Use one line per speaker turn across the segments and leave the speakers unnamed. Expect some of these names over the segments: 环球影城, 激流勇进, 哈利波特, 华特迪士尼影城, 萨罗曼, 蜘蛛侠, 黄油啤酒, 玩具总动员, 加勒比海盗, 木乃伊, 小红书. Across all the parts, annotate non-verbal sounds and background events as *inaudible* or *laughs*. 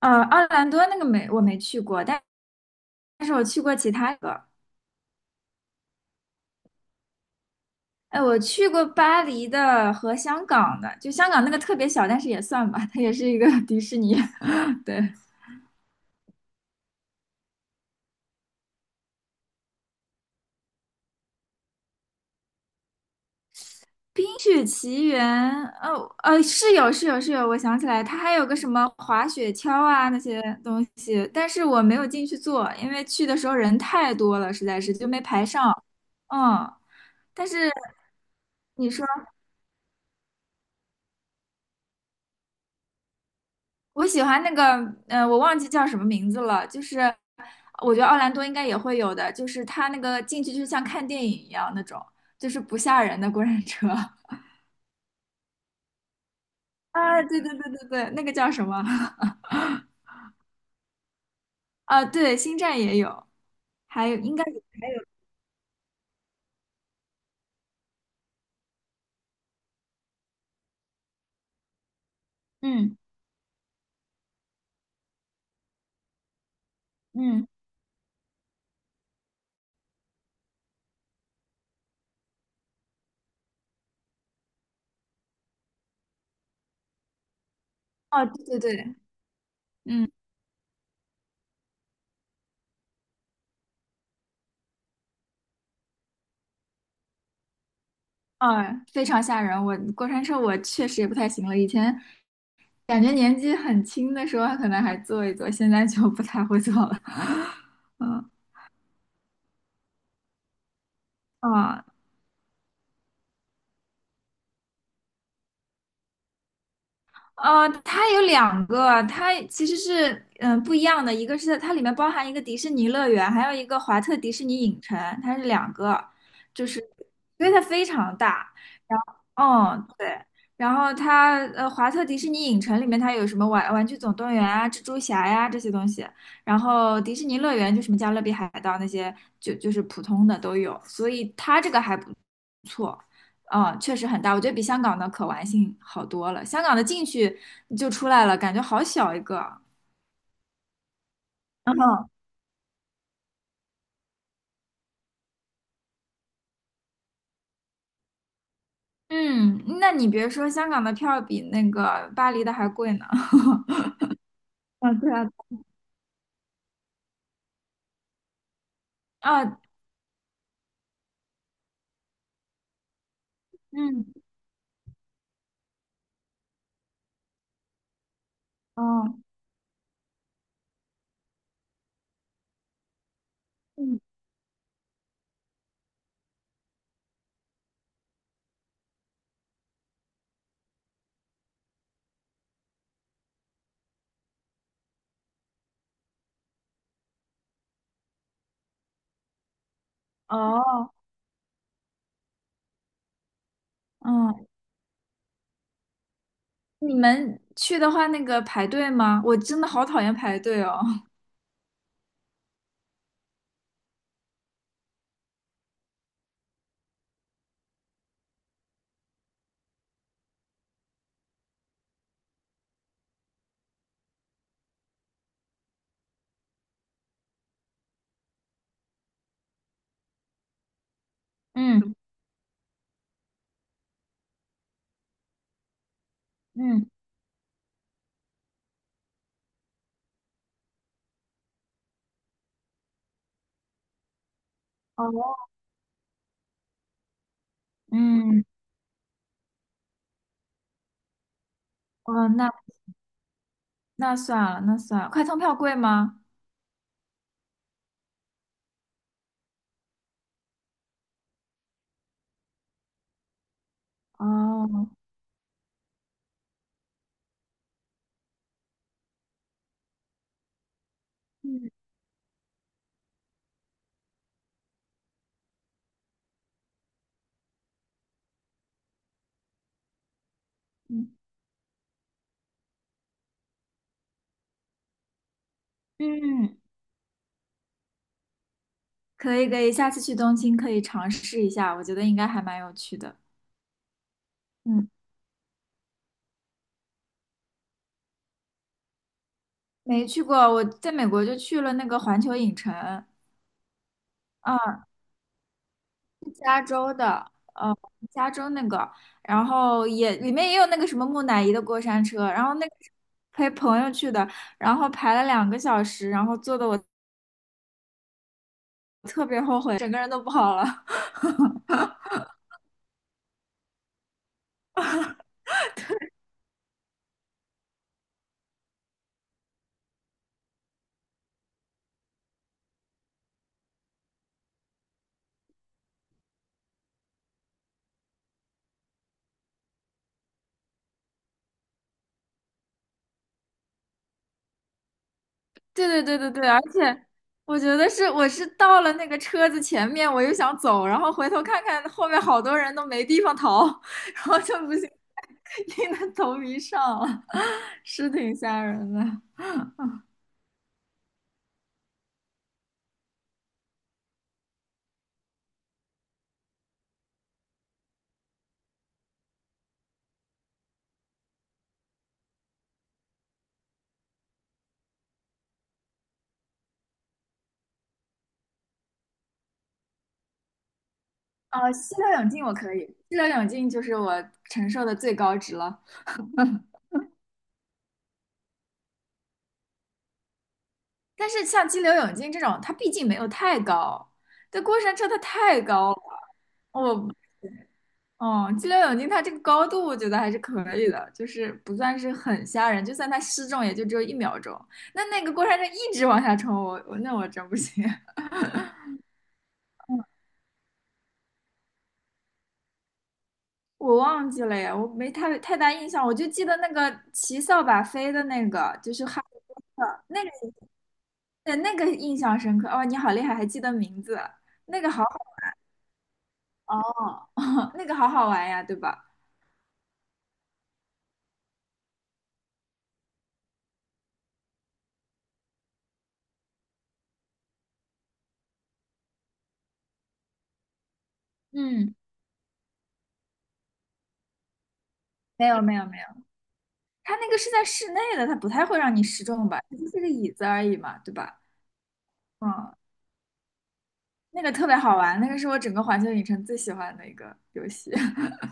奥兰多那个没去过，但是我去过其他个。哎，我去过巴黎的和香港的，就香港那个特别小，但是也算吧，它也是一个 *laughs* 迪士尼。*laughs* 对，《冰雪奇缘》哦，是有是有是有，我想起来，它还有个什么滑雪橇啊那些东西，但是我没有进去坐，因为去的时候人太多了，实在是就没排上。嗯，但是。你说。我喜欢那个，我忘记叫什么名字了，就是我觉得奥兰多应该也会有的，就是它那个进去就像看电影一样那种，就是不吓人的过山车。*laughs* 啊，对对对对对，那个叫什么？*laughs* 啊，对，星战也有，还有应该有。嗯嗯，哦，对对对，嗯，啊，非常吓人。我过山车我确实也不太行了，以前感觉年纪很轻的时候可能还坐一坐，现在就不太会坐了。*laughs* 嗯。啊，它有两个，它其实是不一样的，一个是它里面包含一个迪士尼乐园，还有一个华特迪士尼影城，它是两个，就是因为它非常大，然后嗯对，然后它华特迪士尼影城里面它有什么玩具总动员啊、蜘蛛侠呀、这些东西，然后迪士尼乐园就什么加勒比海盗那些就是普通的都有，所以它这个还不错。嗯，确实很大，我觉得比香港的可玩性好多了。香港的进去就出来了，感觉好小一个。然后，*laughs* 嗯，那你别说，香港的票比那个巴黎的还贵呢。*laughs* 啊，对啊，啊，嗯，哦，嗯，哦，嗯，你们去的话，那个排队吗？我真的好讨厌排队哦。*laughs* 嗯嗯哦，嗯，哦，那那算了，那算了。快通票贵吗？哦，嗯。嗯嗯。可以可以，下次去东京可以尝试一下，我觉得应该还蛮有趣的。嗯，没去过，我在美国就去了那个环球影城，嗯呃，加州那个，然后也里面也有那个什么木乃伊的过山车，然后那个是陪朋友去的，然后排了两个小时，然后坐的我特别后悔，整个人都不好了。对对对对对，而且我是到了那个车子前面，我又想走，然后回头看看后面好多人都没地方逃，*laughs* 然后就不行，硬着头皮上了，*laughs* 是挺吓人的。啊，激流勇进我可以，激流勇进就是我承受的最高值了。但是像激流勇进这种，它毕竟没有太高，这过山车它太高了，我哦，激流勇进，它这个高度我觉得还是可以的，就是不算是很吓人，就算它失重也就只有一秒钟。那那个过山车一直往下冲，那我真不行，*laughs* 我忘记了呀，我没太大印象，我就记得那个骑扫把飞的那个，就是哈利波特那个，对那个印象深刻。哦，你好厉害，还记得名字，那个好好哦，*laughs* 那个好好玩呀，对吧？嗯，没有没有没有，它那个是在室内的，它不太会让你失重吧？它就是个椅子而已嘛，对吧？嗯。那个特别好玩，那个是我整个环球影城最喜欢的一个游戏。*laughs*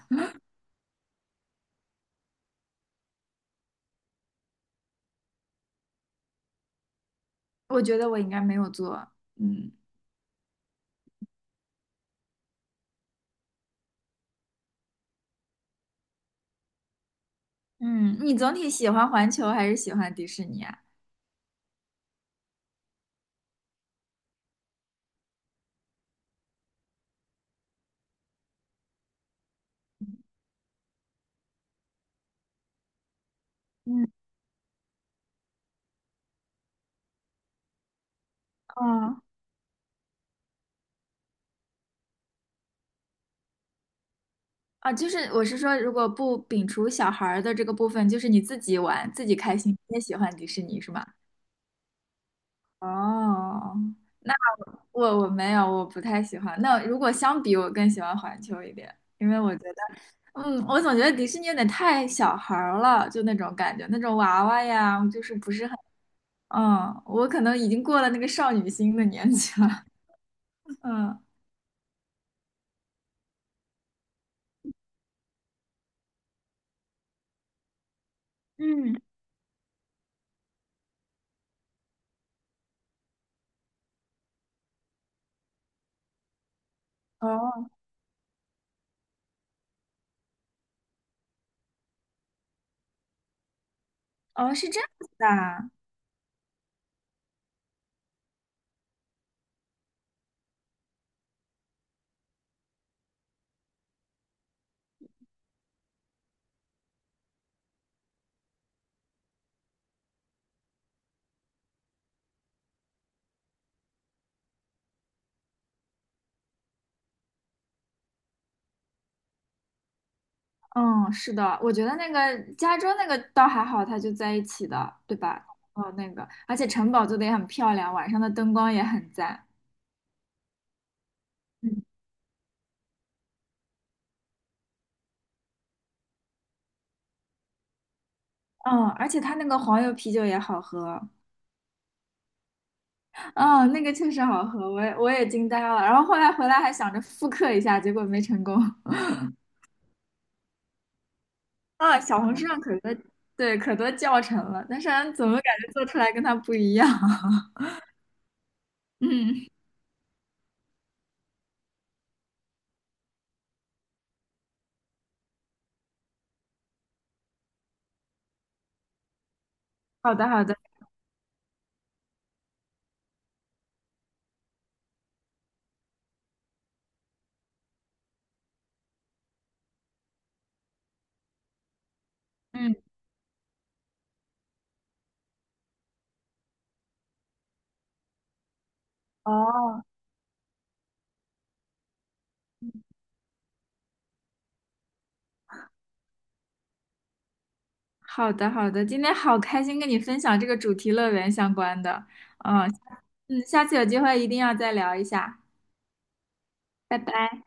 我觉得我应该没有做。嗯嗯，你总体喜欢环球还是喜欢迪士尼啊？嗯哦啊，就是我是说，如果不摒除小孩儿的这个部分，就是你自己玩自己开心，你也喜欢迪士尼是吗？哦，那我没有，我不太喜欢。那如果相比，我更喜欢环球一点，因为我觉得，嗯，我总觉得迪士尼有点太小孩儿了，就那种感觉，那种娃娃呀，就是不是很。嗯，我可能已经过了那个少女心的年纪了。*laughs* 嗯，嗯，哦，哦，是这样子的啊嗯，是的，我觉得那个加州那个倒还好，它就在一起的，对吧？哦，那个，而且城堡做的也很漂亮，晚上的灯光也很赞。嗯，嗯，而且它那个黄油啤酒也好喝。嗯，那个确实好喝，我也惊呆了。然后后来回来还想着复刻一下，结果没成功。啊，小红书上可多，对，可多教程了，但是俺怎么感觉做出来跟它不一样？*laughs* 嗯，好的，好的，嗯，哦，好的，好的，今天好开心跟你分享这个主题乐园相关的，嗯，嗯，下次有机会一定要再聊一下，拜拜。